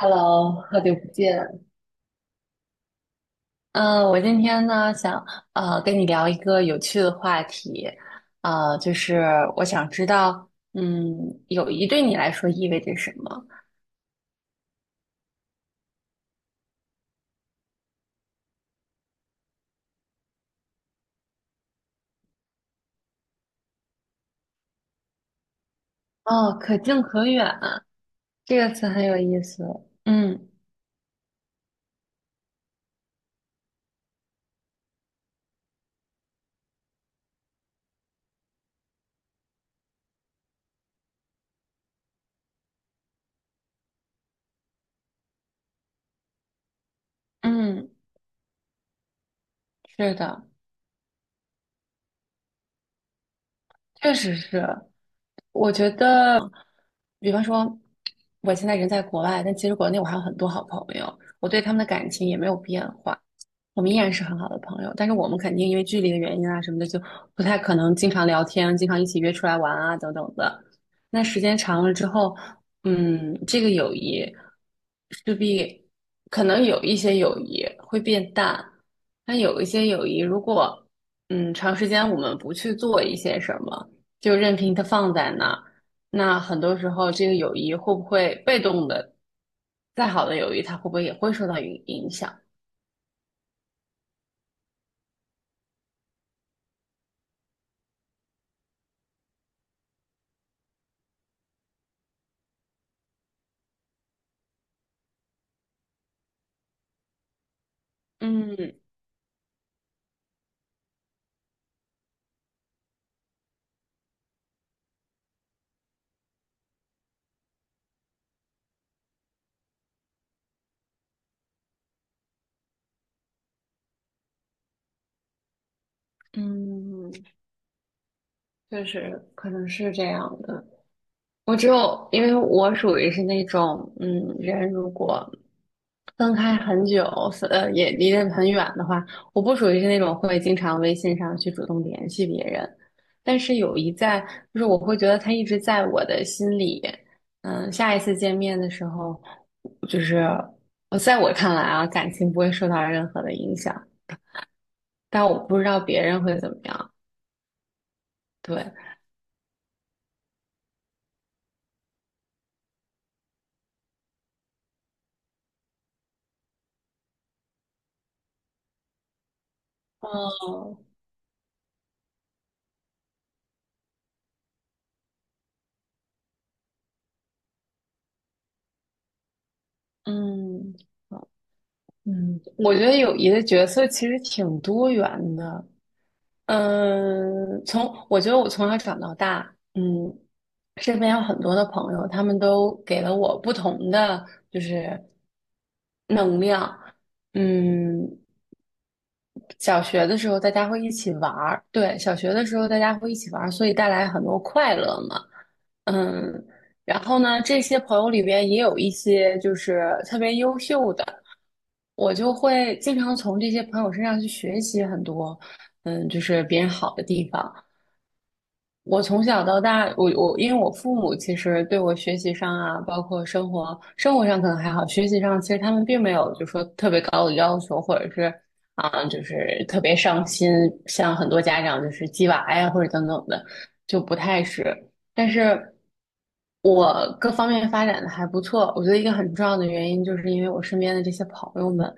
Hello，好久不见。嗯，我今天呢想跟你聊一个有趣的话题，就是我想知道，友谊对你来说意味着什么？哦，可近可远这个词很有意思。嗯嗯，是的，确实是。我觉得，比方说，我现在人在国外，但其实国内我还有很多好朋友，我对他们的感情也没有变化。我们依然是很好的朋友，但是我们肯定因为距离的原因啊什么的，就不太可能经常聊天，经常一起约出来玩啊等等的。那时间长了之后，这个友谊势必可能有一些友谊会变淡，但有一些友谊如果长时间我们不去做一些什么，就任凭它放在那儿，那很多时候这个友谊会不会被动的，再好的友谊它会不会也会受到影响？嗯，嗯，确实可能是这样的。我只有，因为我属于是那种，人如果分开很久，也离得很远的话，我不属于是那种会经常微信上去主动联系别人。但是有一在，就是我会觉得他一直在我的心里。下一次见面的时候，就是在我看来啊，感情不会受到任何的影响，但我不知道别人会怎么样。对。哦。嗯，嗯我觉得友谊的角色其实挺多元的。从我觉得我从小长到大，身边有很多的朋友，他们都给了我不同的就是能量。嗯，小学的时候大家会一起玩儿，对，小学的时候大家会一起玩儿，所以带来很多快乐嘛。嗯，然后呢，这些朋友里边也有一些就是特别优秀的，我就会经常从这些朋友身上去学习很多，就是别人好的地方。我从小到大，我因为我父母其实对我学习上啊，包括生活上可能还好，学习上其实他们并没有就说特别高的要求，或者是啊、就是特别上心，像很多家长就是鸡娃呀或者等等的，就不太是。但是我各方面发展的还不错，我觉得一个很重要的原因就是因为我身边的这些朋友们，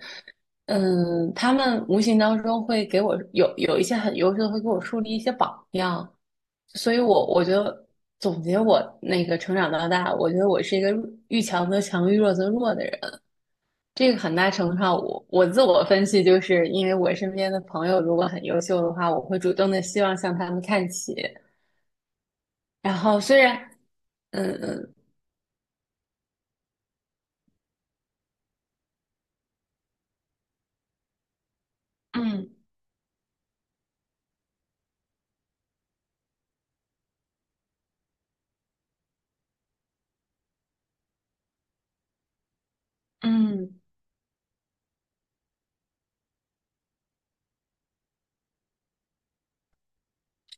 他们无形当中会给我有一些很优秀的，会给我树立一些榜样，所以我觉得总结我那个成长到大，我觉得我是一个遇强则强，遇弱则弱的人。这个很大程度上我，我自我分析，就是因为我身边的朋友如果很优秀的话，我会主动的希望向他们看齐。然后虽然，嗯嗯。嗯嗯。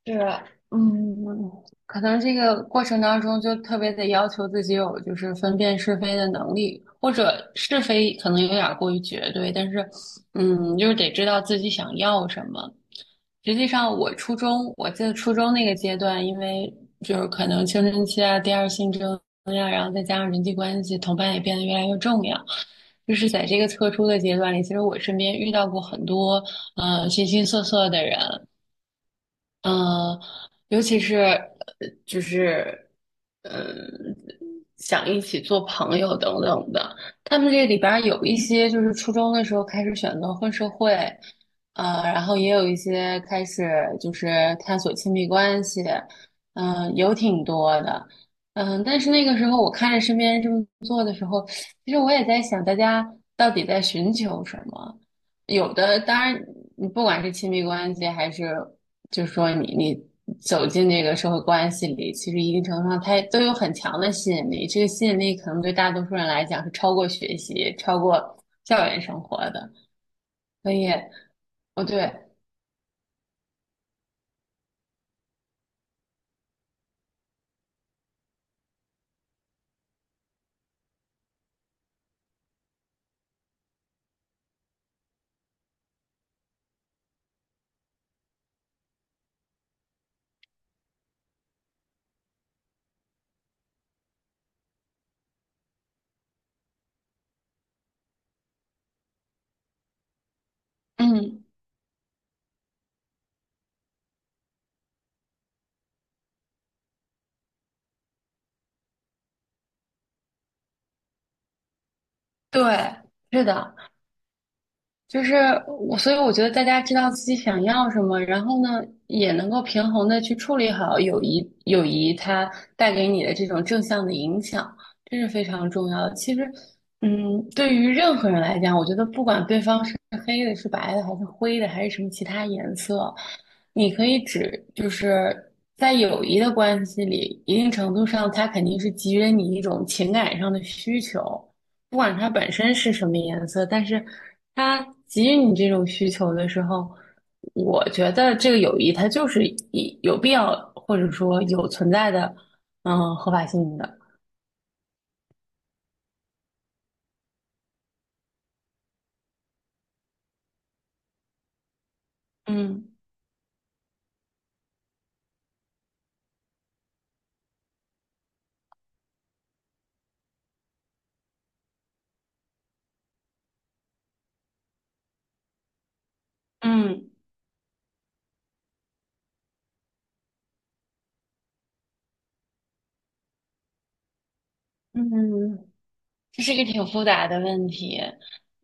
是，嗯，可能这个过程当中就特别得要求自己有就是分辨是非的能力，或者是非可能有点儿过于绝对，但是，就是得知道自己想要什么。实际上，我初中，我记得初中那个阶段，因为就是可能青春期啊、第二性征呀、然后再加上人际关系，同伴也变得越来越重要。就是在这个特殊的阶段里，其实我身边遇到过很多形形色色的人，嗯，尤其是就是嗯，想一起做朋友等等的，他们这里边儿有一些就是初中的时候开始选择混社会，然后也有一些开始就是探索亲密关系，有挺多的，但是那个时候我看着身边人这么做的时候，其实我也在想，大家到底在寻求什么？有的当然，你不管是亲密关系还是就是说你走进这个社会关系里，其实一定程度上它都有很强的吸引力。这个吸引力可能对大多数人来讲是超过学习、超过校园生活的。所以，哦对，嗯，对，是的，就是我，所以我觉得大家知道自己想要什么，然后呢，也能够平衡的去处理好友谊，友谊它带给你的这种正向的影响，这是非常重要的。其实，对于任何人来讲，我觉得不管对方是黑的、是白的，还是灰的，还是什么其他颜色，你可以指，就是在友谊的关系里，一定程度上，它肯定是给予了你一种情感上的需求。不管它本身是什么颜色，但是它给予你这种需求的时候，我觉得这个友谊它就是一有必要或者说有存在的，合法性的。嗯嗯嗯，这是一个挺复杂的问题，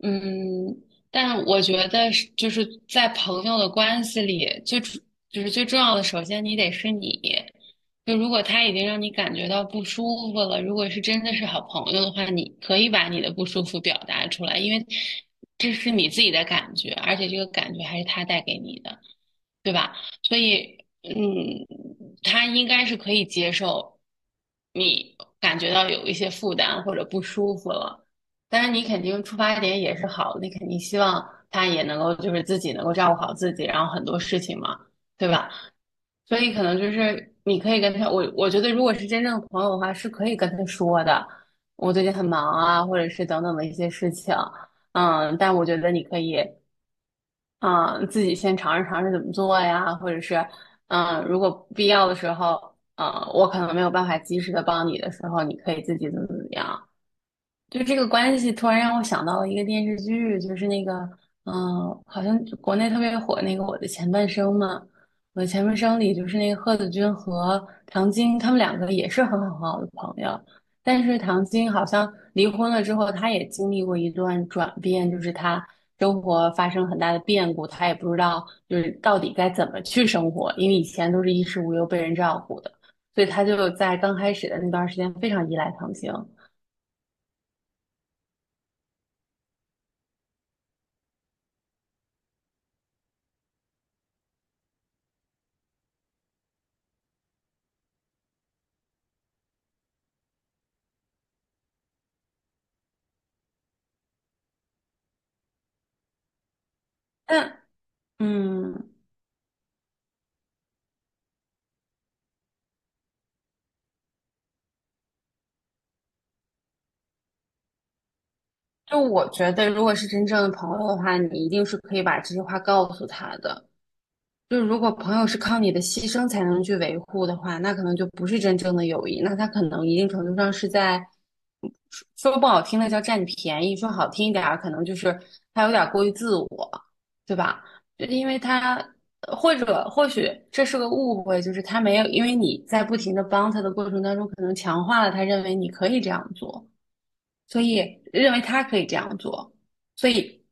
嗯，但我觉得是就是在朋友的关系里，就是最重要的，首先你得是你。就如果他已经让你感觉到不舒服了，如果是真的是好朋友的话，你可以把你的不舒服表达出来，因为这是你自己的感觉，而且这个感觉还是他带给你的。对吧？所以，嗯，他应该是可以接受你感觉到有一些负担或者不舒服了。当然，你肯定出发点也是好的，你肯定希望他也能够就是自己能够照顾好自己，然后很多事情嘛，对吧？所以可能就是你可以跟他，我觉得如果是真正的朋友的话，是可以跟他说的，我最近很忙啊，或者是等等的一些事情。但我觉得你可以。嗯，自己先尝试尝试怎么做呀，或者是，如果必要的时候，我可能没有办法及时的帮你的时候，你可以自己怎么怎么样。就这个关系，突然让我想到了一个电视剧，就是那个，嗯、好像就国内特别火那个《我的前半生》嘛，《我的前半生》里就是那个贺子君和唐晶，他们两个也是很好很好的朋友，但是唐晶好像离婚了之后，她也经历过一段转变，就是她生活发生很大的变故，她也不知道就是到底该怎么去生活，因为以前都是衣食无忧被人照顾的，所以她就在刚开始的那段时间非常依赖唐晶。嗯，就我觉得，如果是真正的朋友的话，你一定是可以把这些话告诉他的。就是如果朋友是靠你的牺牲才能去维护的话，那可能就不是真正的友谊，那他可能一定程度上是在说不好听的叫占你便宜，说好听一点儿，可能就是他有点过于自我，对吧？就是因为他或许这是个误会，就是他没有，因为你在不停的帮他的过程当中，可能强化了他认为你可以这样做。所以认为他可以这样做，所以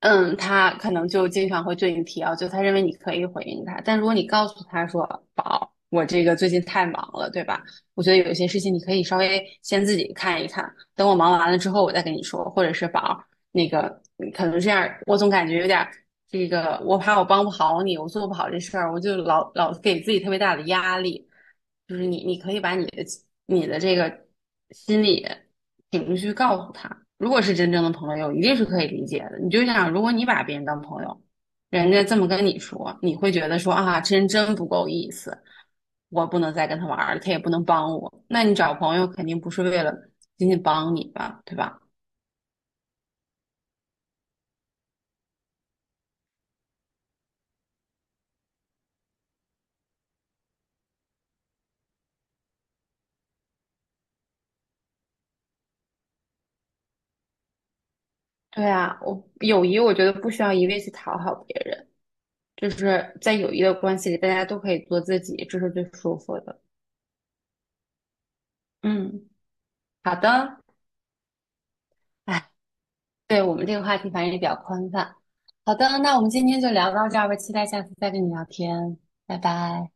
他可能就经常会对你提要求，他认为你可以回应他，但如果你告诉他说，宝，我这个最近太忙了，对吧？我觉得有些事情你可以稍微先自己看一看，等我忙完了之后我再跟你说，或者是宝儿那个可能这样，我总感觉有点这个，我怕我帮不好你，我做不好这事儿，我就老给自己特别大的压力。就是你可以把你的这个心理情绪告诉他，如果是真正的朋友，一定是可以理解的。你就想，如果你把别人当朋友，人家这么跟你说，你会觉得说啊，这人真不够意思。我不能再跟他玩儿了，他也不能帮我。那你找朋友肯定不是为了仅仅帮你吧，对吧？对啊，我友谊我觉得不需要一味去讨好别人，就是在友谊的关系里，大家都可以做自己，这是最舒服的。嗯，好的，哎，对我们这个话题反正也比较宽泛。好的，那我们今天就聊到这儿吧，期待下次再跟你聊天，拜拜。